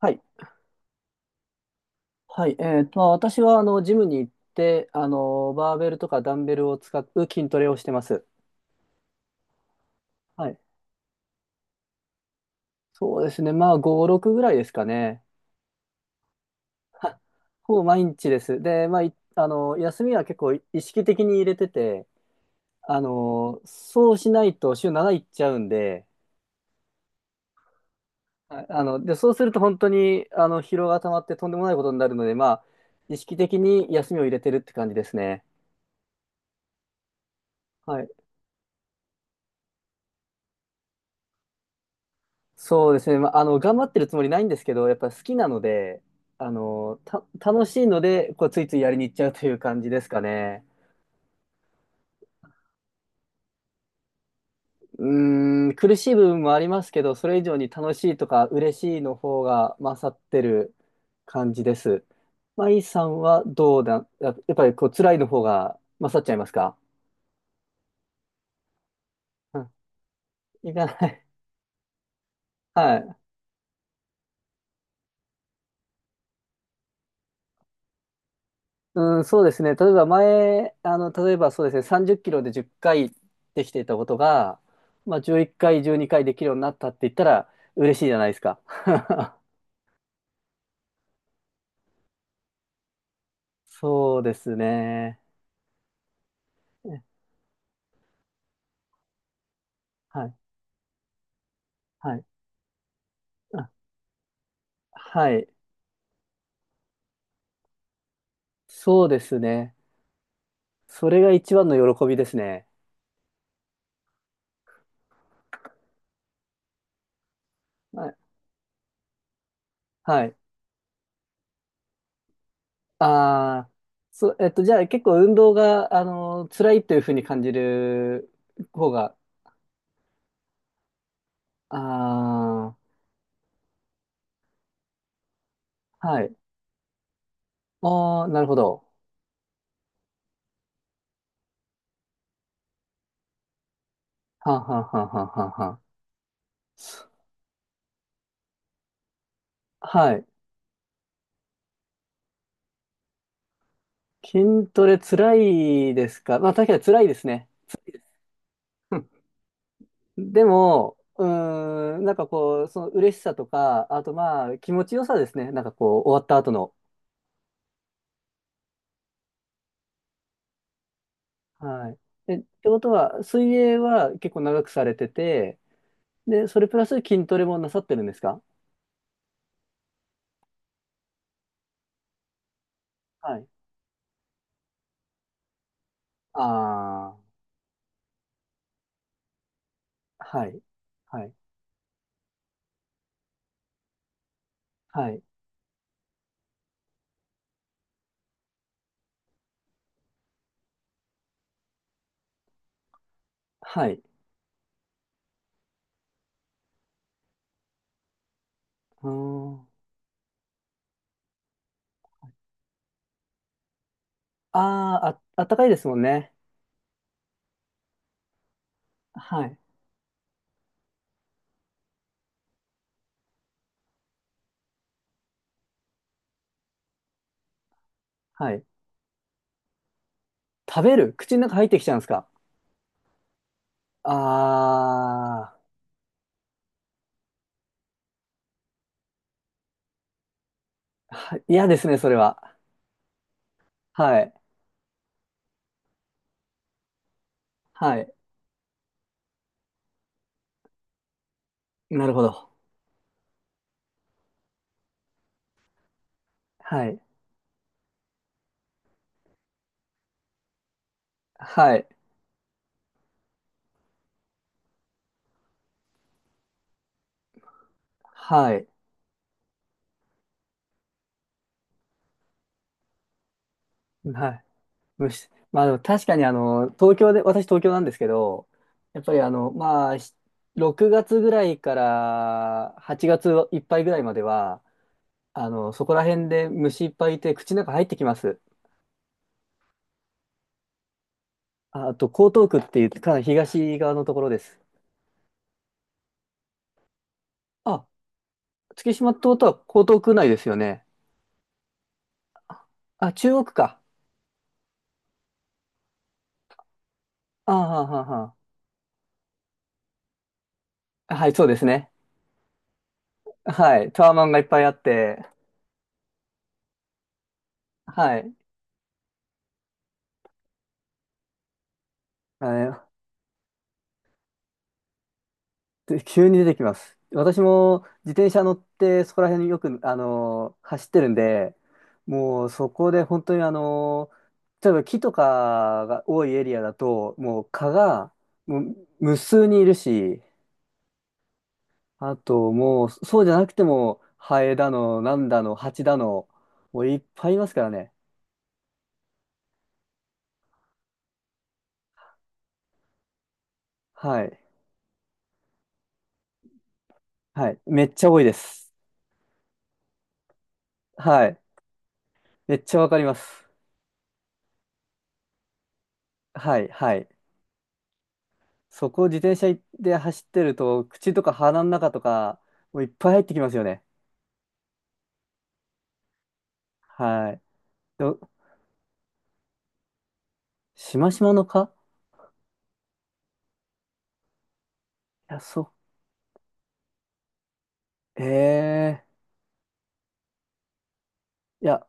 はい。はい。まあ、私は、ジムに行って、バーベルとかダンベルを使う筋トレをしてます。はい。そうですね。まあ、5、6ぐらいですかね。はほぼ毎日です。で、まあ、いあの、休みは結構意識的に入れてて、そうしないと週7いっちゃうんで、はい。で、そうすると本当に、疲労が溜まってとんでもないことになるので、まあ、意識的に休みを入れてるって感じですね。はい。そうですね、まあ、頑張ってるつもりないんですけど、やっぱ好きなので、楽しいので、こう、ついついやりに行っちゃうという感じですかね。うーん、苦しい部分もありますけど、それ以上に楽しいとか嬉しいの方が勝ってる感じです。マイさんはどうだ、やっぱりこう、辛いの方が勝っちゃいますか？うん、いかない。はい。うん、そうですね。例えば前、例えばそうですね、30キロで10回できていたことが、まあ、11回、12回できるようになったって言ったら、嬉しいじゃないですか。そうですね。はい、はい、あ、はい。そうですね。それが一番の喜びですね。はい、はい。ああ、そう、じゃあ結構運動が、辛いというふうに感じる方が、ああ、はい。ああ、なるほど。はんはんはんはんはんはん。はい。筋トレ辛いですか？まあ確かに辛いですね。でも、うーん、なんかこう、その嬉しさとか、あとまあ気持ちよさですね。なんかこう、終わった後の。はい。え、ってことは、水泳は結構長くされてて、で、それプラス筋トレもなさってるんですか？はい。ああ、はい。はい。はい。はい。うーん。ああ、ああったかいですもんね。はい。はい。食べる口の中入ってきちゃうんですか？あー、嫌ですね、それは。はい。はい。なるほど。はい。はい。はい。はい。虫。まあでも確かに東京で、私東京なんですけど、やっぱりまあ、6月ぐらいから8月いっぱいぐらいまでは、そこら辺で虫いっぱいいて口の中入ってきます。ああと、江東区っていうかなり東側のところです。あ、月島ってことは江東区内ですよね。あ、中国か。ああ、はあ、はあはあはい、そうですね。はい。タワマンがいっぱいあって、はい。あれ、で急に出てきます。私も自転車乗ってそこら辺によく、走ってるんで、もうそこで本当に例えば木とかが多いエリアだと、もう蚊がもう無数にいるし、あともうそうじゃなくてもハエだの、なんだの、ハチだの、もういっぱいいますからね。はい。はい。めっちゃ多いです。はい。めっちゃわかります。はい、はい。そこを自転車で走ってると、口とか鼻の中とか、もういっぱい入ってきますよね。はい。ど、しましまの蚊？いや、そう。えー。いや、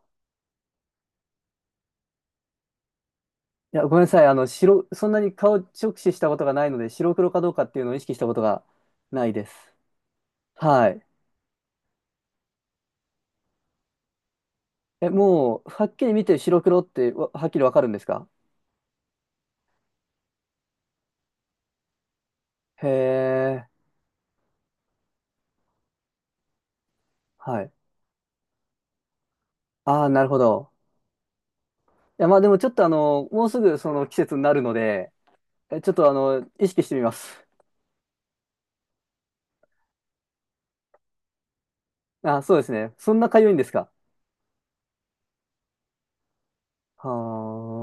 いや、ごめんなさい。そんなに顔直視したことがないので、白黒かどうかっていうのを意識したことがないです。はい。え、もう、はっきり見て白黒ってはっきりわかるんですか？へえ。はい。ああ、なるほど。いや、まあでもちょっともうすぐその季節になるので、え、ちょっと意識してみます。あ、そうですね。そんなかゆいんですか。は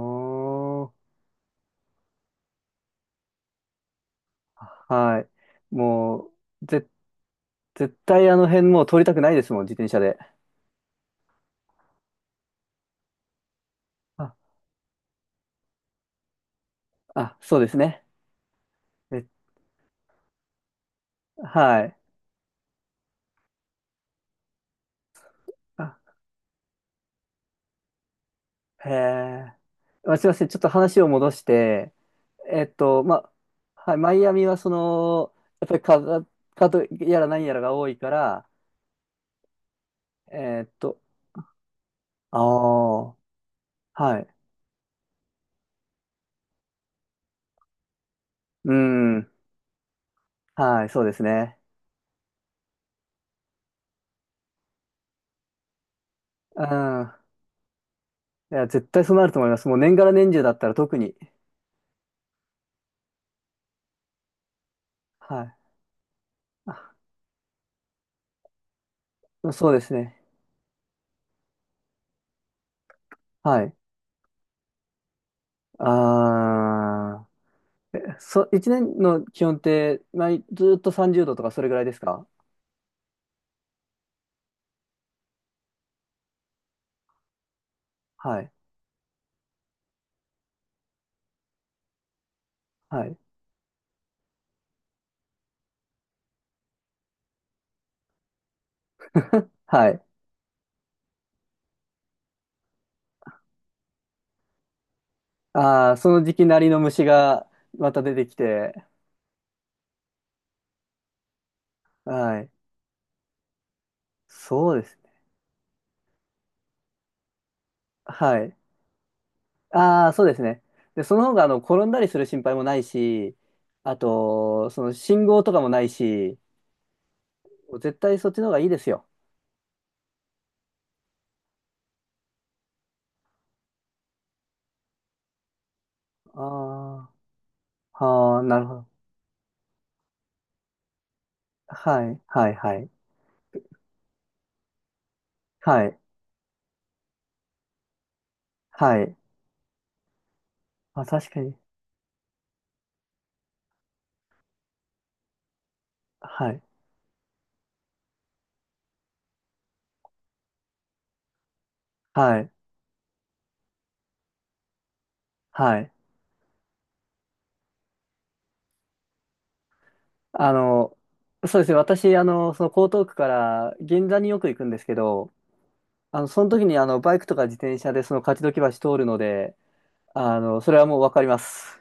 あ。はい。もう、絶対あの辺もう通りたくないですもん、自転車で。あ、あ、そうですね。え、はい。あ、へえ。あ、すいません。ちょっと話を戻して、えっと、ま、はい、マイアミはその、やっぱりカザカとやら何やらが多いから、えっと、ああ、はい。うん、はい、そうですね。うん。いや、絶対そうなると思います。もう年がら年中だったら特に。はい。あ、そうですね。はい。あー、一年の気温って、まあ、ずっと30度とかそれぐらいですか？はい。はい。はい。あー、その時期なりの虫がまた出てきて、はい。そうですね。はい。あー、そうですね。で、その方が、転んだりする心配もないし、あと、その信号とかもないし、絶対そっちの方がいいですよ。あー。はあ、なるほど。はい、はい、はい、はい、はい。あ、確かに。はい、はい、はい。あの、そうですね。私、その江東区から銀座によく行くんですけど、その時に、バイクとか自転車でその勝どき橋通るので、それはもうわかります。